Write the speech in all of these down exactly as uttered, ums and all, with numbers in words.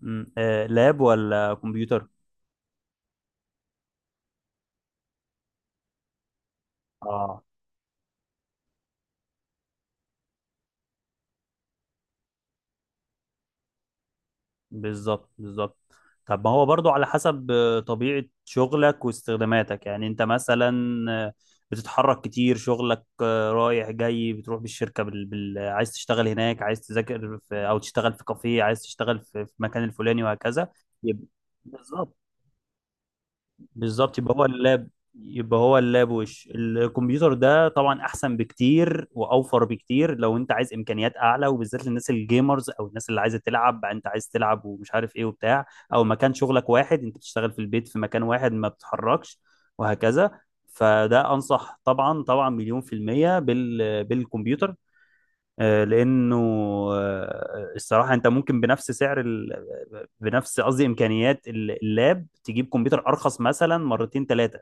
مم. آه، لاب ولا كمبيوتر؟ اه، بالظبط بالظبط. طب ما هو برضو على حسب آه، طبيعة شغلك واستخداماتك. يعني انت مثلا آه، بتتحرك كتير شغلك، آه، رايح جاي، بتروح بالشركة، بال... بال... عايز تشتغل هناك، عايز تذاكر في... او تشتغل في كافيه، عايز تشتغل في في المكان الفلاني، وهكذا. يبقى بالظبط بالظبط، يبقى هو اللاب. يبقى هو اللاب وش الكمبيوتر ده طبعا احسن بكتير واوفر بكتير، لو انت عايز امكانيات اعلى، وبالذات للناس الجيمرز او الناس اللي عايزه تلعب، انت عايز تلعب ومش عارف ايه وبتاع. او مكان شغلك واحد، انت بتشتغل في البيت في مكان واحد ما بتتحركش وهكذا. فده انصح طبعا طبعا مليون في المية بال بالكمبيوتر. آه، لانه آه، الصراحه، انت ممكن بنفس سعر ال... بنفس، قصدي امكانيات ال- اللاب، تجيب كمبيوتر ارخص مثلا مرتين ثلاثه.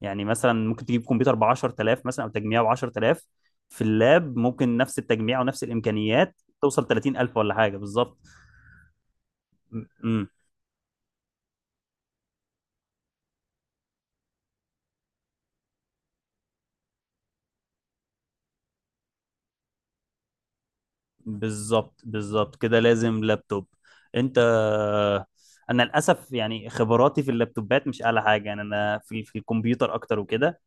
يعني مثلا ممكن تجيب كمبيوتر ب عشرة آلاف مثلا، او تجميع ب عشرة آلاف. في اللاب ممكن نفس التجميع ونفس الامكانيات توصل تلاتين الف ولا حاجه بالظبط. امم. بالظبط بالظبط، كده لازم لابتوب. انت، انا للاسف يعني خبراتي في اللابتوبات مش اعلى حاجه، يعني انا في في الكمبيوتر اكتر وكده.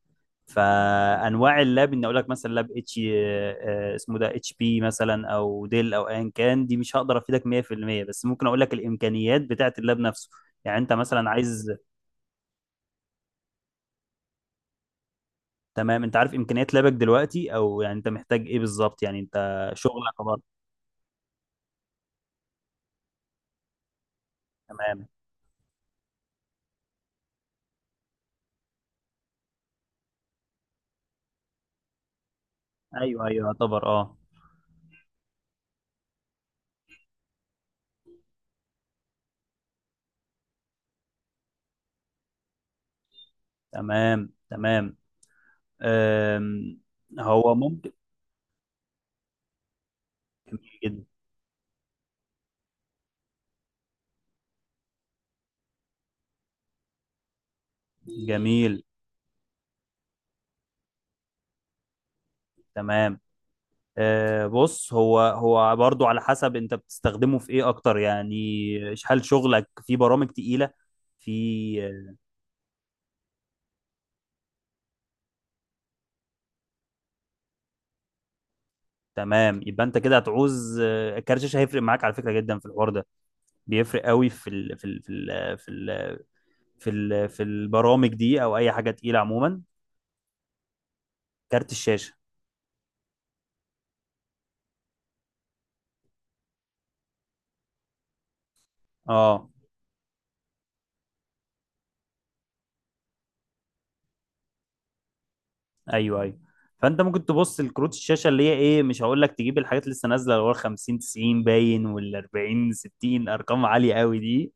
فانواع اللاب ان اقول لك مثلا، لاب اتش، اسمه ده اتش بي مثلا او ديل او ايا كان، دي مش هقدر افيدك مية في المية، بس ممكن اقول لك الامكانيات بتاعه اللاب نفسه. يعني انت مثلا عايز، تمام. انت عارف امكانيات لابك دلوقتي، او يعني انت محتاج ايه بالظبط، يعني انت شغلك عبارة. تمام، ايوه ايوه، يعتبر اه. تمام تمام. أم، هو ممكن جدا. جميل. تمام. آه، بص، هو هو برضو على حسب انت بتستخدمه في ايه اكتر. يعني هل شغلك في برامج تقيلة؟ في آه، تمام، يبقى انت كده هتعوز آه، كارت شاشة، هيفرق معاك على فكرة جدا في الحوار ده. بيفرق قوي في ال في ال في ال في ال في ال في البرامج دي، او اي حاجة تقيلة عموما. كارت الشاشة. اه، ايوه ايوه. فانت ممكن تبص لكروت الشاشه، اللي هي ايه، مش هقول لك تجيب الحاجات اللي لسه نازله، اللي هو خمسين تسعين باين، وال اربعين ستين، ارقام عاليه قوي دي.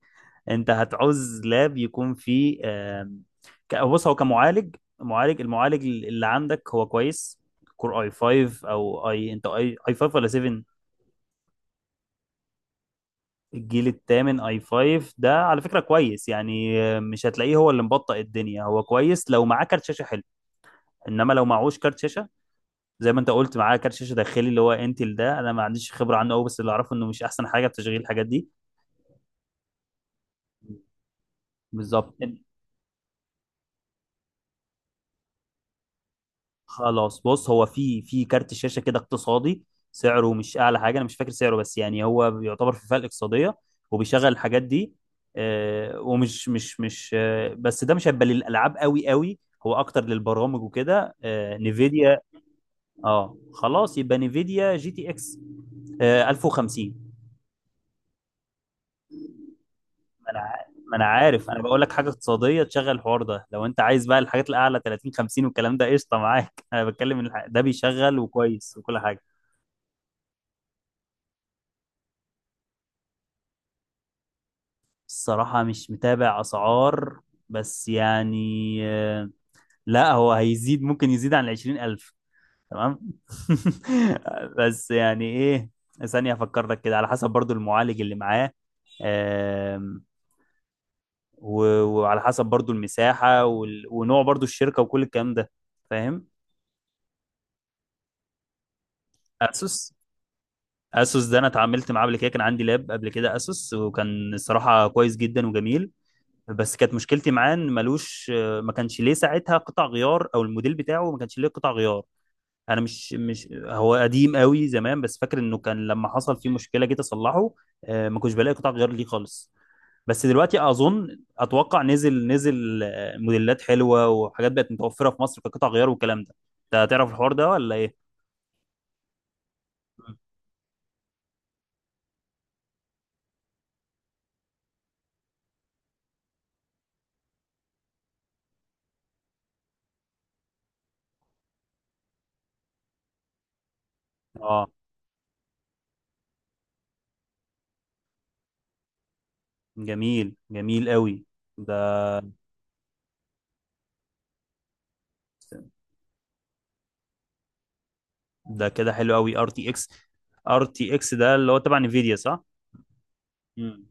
انت هتعوز لاب يكون فيه آم، ك- بص، هو كمعالج، معالج، المعالج اللي عندك هو كويس. كور اي خمسة، او اي، انت اي اي خمسة ولا سبعة؟ الجيل الثامن اي خمسة، ده على فكره كويس. يعني آه، مش هتلاقيه هو اللي مبطئ الدنيا، هو كويس لو معاه كارت شاشه حلو. انما لو معهوش كارت شاشه، زي ما انت قلت معاه كارت شاشه داخلي اللي هو انتل ده، انا ما عنديش خبره عنه قوي، بس اللي اعرفه انه مش احسن حاجه في تشغيل الحاجات دي. بالظبط. خلاص، بص، هو في في كارت شاشه كده اقتصادي، سعره مش اعلى حاجه، انا مش فاكر سعره، بس يعني هو بيعتبر في فئه الاقتصاديه، وبيشغل الحاجات دي. آه، ومش مش مش آه، بس ده مش هيبقى للالعاب قوي قوي، هو اكتر للبرامج وكده. آه، نيفيديا. اه خلاص، يبقى نيفيديا جي تي اكس آه، الف وخمسين. انا ع- ما انا عارف، انا بقول لك حاجه اقتصاديه تشغل الحوار ده. لو انت عايز بقى الحاجات الاعلى ثلاثين خمسين والكلام ده، قشطه معاك. انا بتكلم إن الح- ده بيشغل وكويس وكل حاجه. الصراحه مش متابع اسعار، بس يعني آه، لا، هو هيزيد، ممكن يزيد عن عشرين الف. تمام. بس يعني ايه. ثانيه افكر لك كده، على حسب برضو المعالج اللي معاه. آم، و- وعلى حسب برضو المساحه، وال- ونوع برضو الشركه وكل الكلام ده. فاهم. اسوس. اسوس ده انا اتعاملت معاه قبل كده، كان عندي لاب قبل كده اسوس، وكان الصراحه كويس جدا وجميل. بس كانت مشكلتي معاه ان ملوش، ما كانش ليه ساعتها قطع غيار، او الموديل بتاعه ما كانش ليه قطع غيار. انا مش، مش هو قديم قوي زمان، بس فاكر انه كان لما حصل فيه مشكله جيت اصلحه، آه، ما كنتش بلاقي قطع غيار ليه خالص. بس دلوقتي اظن اتوقع نزل نزل آه، موديلات حلوه، وحاجات بقت متوفره في مصر كقطع غيار والكلام ده. انت هتعرف الحوار ده ولا ايه؟ اه، جميل جميل قوي. ده. ده كده حلو قوي. ار تي اكس. ار تي اكس ده اللي هو تبع انفيديا، صح؟ مم.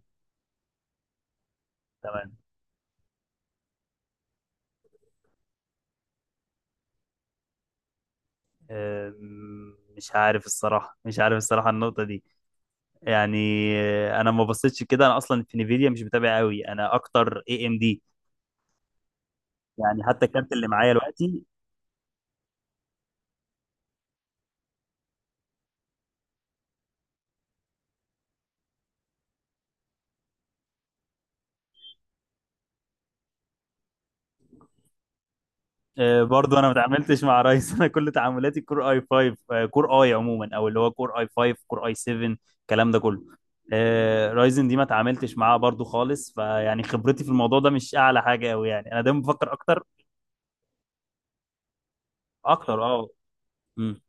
تمام. أم، مش عارف الصراحة مش عارف الصراحة النقطة دي. يعني أه، أنا ما بصيتش كده، أنا أصلا في نيفيديا مش متابع قوي، أنا أكتر اي ام دي. يعني حتى الكارت اللي معايا دلوقتي. آه، برضو انا ما اتعاملتش مع رايز انا كل تعاملاتي كور اي خمسة، آه، كور اي عموما، او اللي هو كور اي خمسة كور اي سبعة، الكلام ده كله. آه، رايزن دي ما اتعاملتش معاها برضو خالص، فيعني خبرتي في الموضوع ده مش اعلى حاجه قوي، يعني انا دايما بفكر اكتر. اكتر، اه. امم.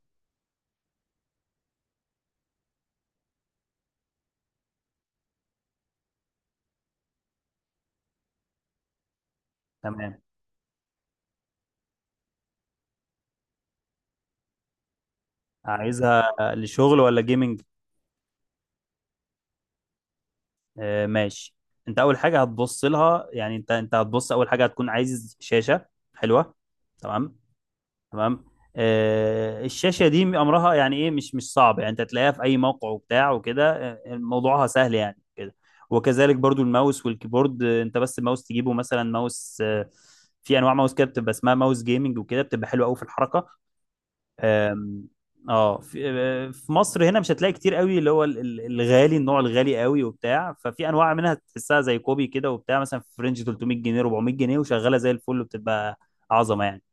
تمام. عايزها لشغل ولا جيمنج؟ آه، ماشي. انت اول حاجه هتبص لها، يعني انت انت هتبص اول حاجه، هتكون عايز شاشه حلوه. تمام. تمام. آه، الشاشه دي امرها يعني ايه، مش مش صعب. يعني انت تلاقيها في اي موقع وبتاع وكده. آه، موضوعها سهل يعني كده. وكذلك برضو الماوس والكيبورد. آه، انت بس الماوس تجيبه، مثلا ماوس، آه، في انواع ماوس كده بتبقى اسمها ماوس جيمنج وكده، بتبقى حلوه قوي في الحركه. آم، اه، في آه، في مصر هنا مش هتلاقي كتير قوي، اللي هو ال- ال- الغالي، النوع الغالي قوي وبتاع، ففي انواع منها تحسها زي كوبي كده وبتاع، مثلا في رينج تلتمية جنيه، اربعمية جنيه، وشغاله زي الفل، وبتبقى عظمه يعني.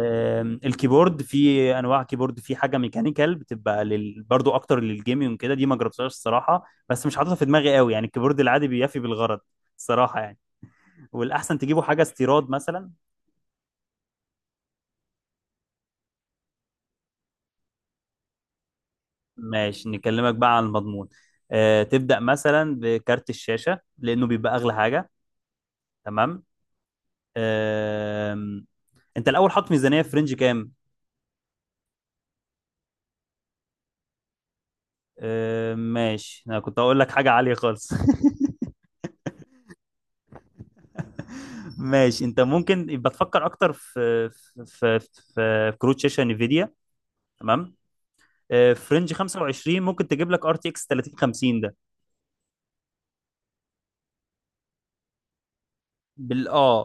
آم، الكيبورد، في انواع كيبورد، في حاجه ميكانيكال بتبقى لل... برضو اكتر للجيمنج كده، دي ما جربتهاش الصراحه، بس مش حاططها في دماغي قوي، يعني الكيبورد العادي بيفي بالغرض الصراحه يعني. والاحسن تجيبوا حاجه استيراد مثلا. ماشي، نكلمك بقى عن المضمون. آه، تبدا مثلا بكارت الشاشه لانه بيبقى اغلى حاجه. تمام. آم، انت الاول حاطط ميزانيه في رينج كام؟ آم، ماشي، انا كنت هقول لك حاجه عاليه خالص. ماشي، انت ممكن يبقى تفكر اكتر في في في, في كروت شاشه نفيديا. تمام. آه، في رينج خمسة وعشرين ممكن تجيب لك ار تي اكس ثلاثين خمسين ده. بال اه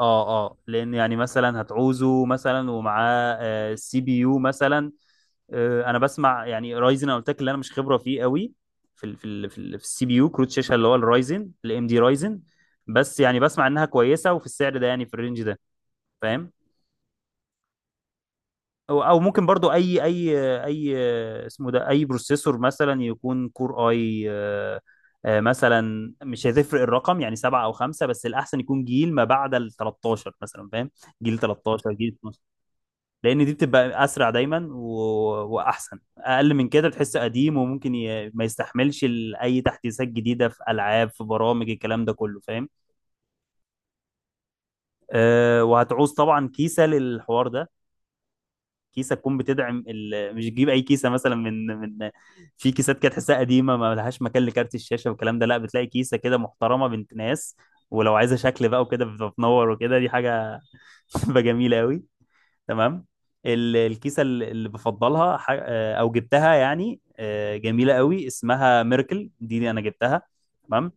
اه اه لان يعني مثلا هتعوزه مثلا ومعاه آه، سي بي يو مثلا. آه، انا بسمع يعني رايزن، انا قلت لك اللي انا مش خبره فيه قوي، في ال في ال في السي بي يو كروت شاشه، اللي هو الرايزن الام دي رايزن. بس يعني بسمع انها كويسه، وفي السعر ده يعني في الرينج ده. فاهم. او أو ممكن برضو اي، اي اي آه، اسمه ده اي بروسيسور، مثلا يكون كور اي، آه، آه، مثلا مش هتفرق الرقم يعني سبعة او خمسة، بس الاحسن يكون جيل ما بعد ال ثلاثة عشر مثلا، فاهم؟ جيل تلتاشر، جيل اتناشر. لان دي بتبقى اسرع دايما و... واحسن. اقل من كده تحس قديم، وممكن ي... ما يستحملش ال- اي تحديثات جديدة في العاب، في برامج، الكلام ده كله، فاهم. أه، وهتعوز طبعا كيسة للحوار ده. كيسه تكون بتدعم ال... مش تجيب اي كيسه مثلا من من، في كيسات كده تحسها قديمه، ما لهاش مكان لكارت الشاشه والكلام ده. لا، بتلاقي كيسه كده محترمه بنت ناس، ولو عايزه شكل بقى وكده بتنور وكده، دي حاجه بتبقى جميله قوي. تمام. ال- الكيسه ال- اللي بفضلها، ح- آه، او جبتها يعني، آه، جميله قوي، اسمها ميركل دي, دي انا جبتها. تمام.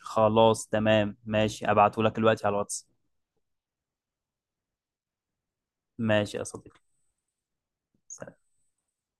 خلاص تمام، ماشي، ابعته لك دلوقتي على الواتس. ماشي يا صديقي.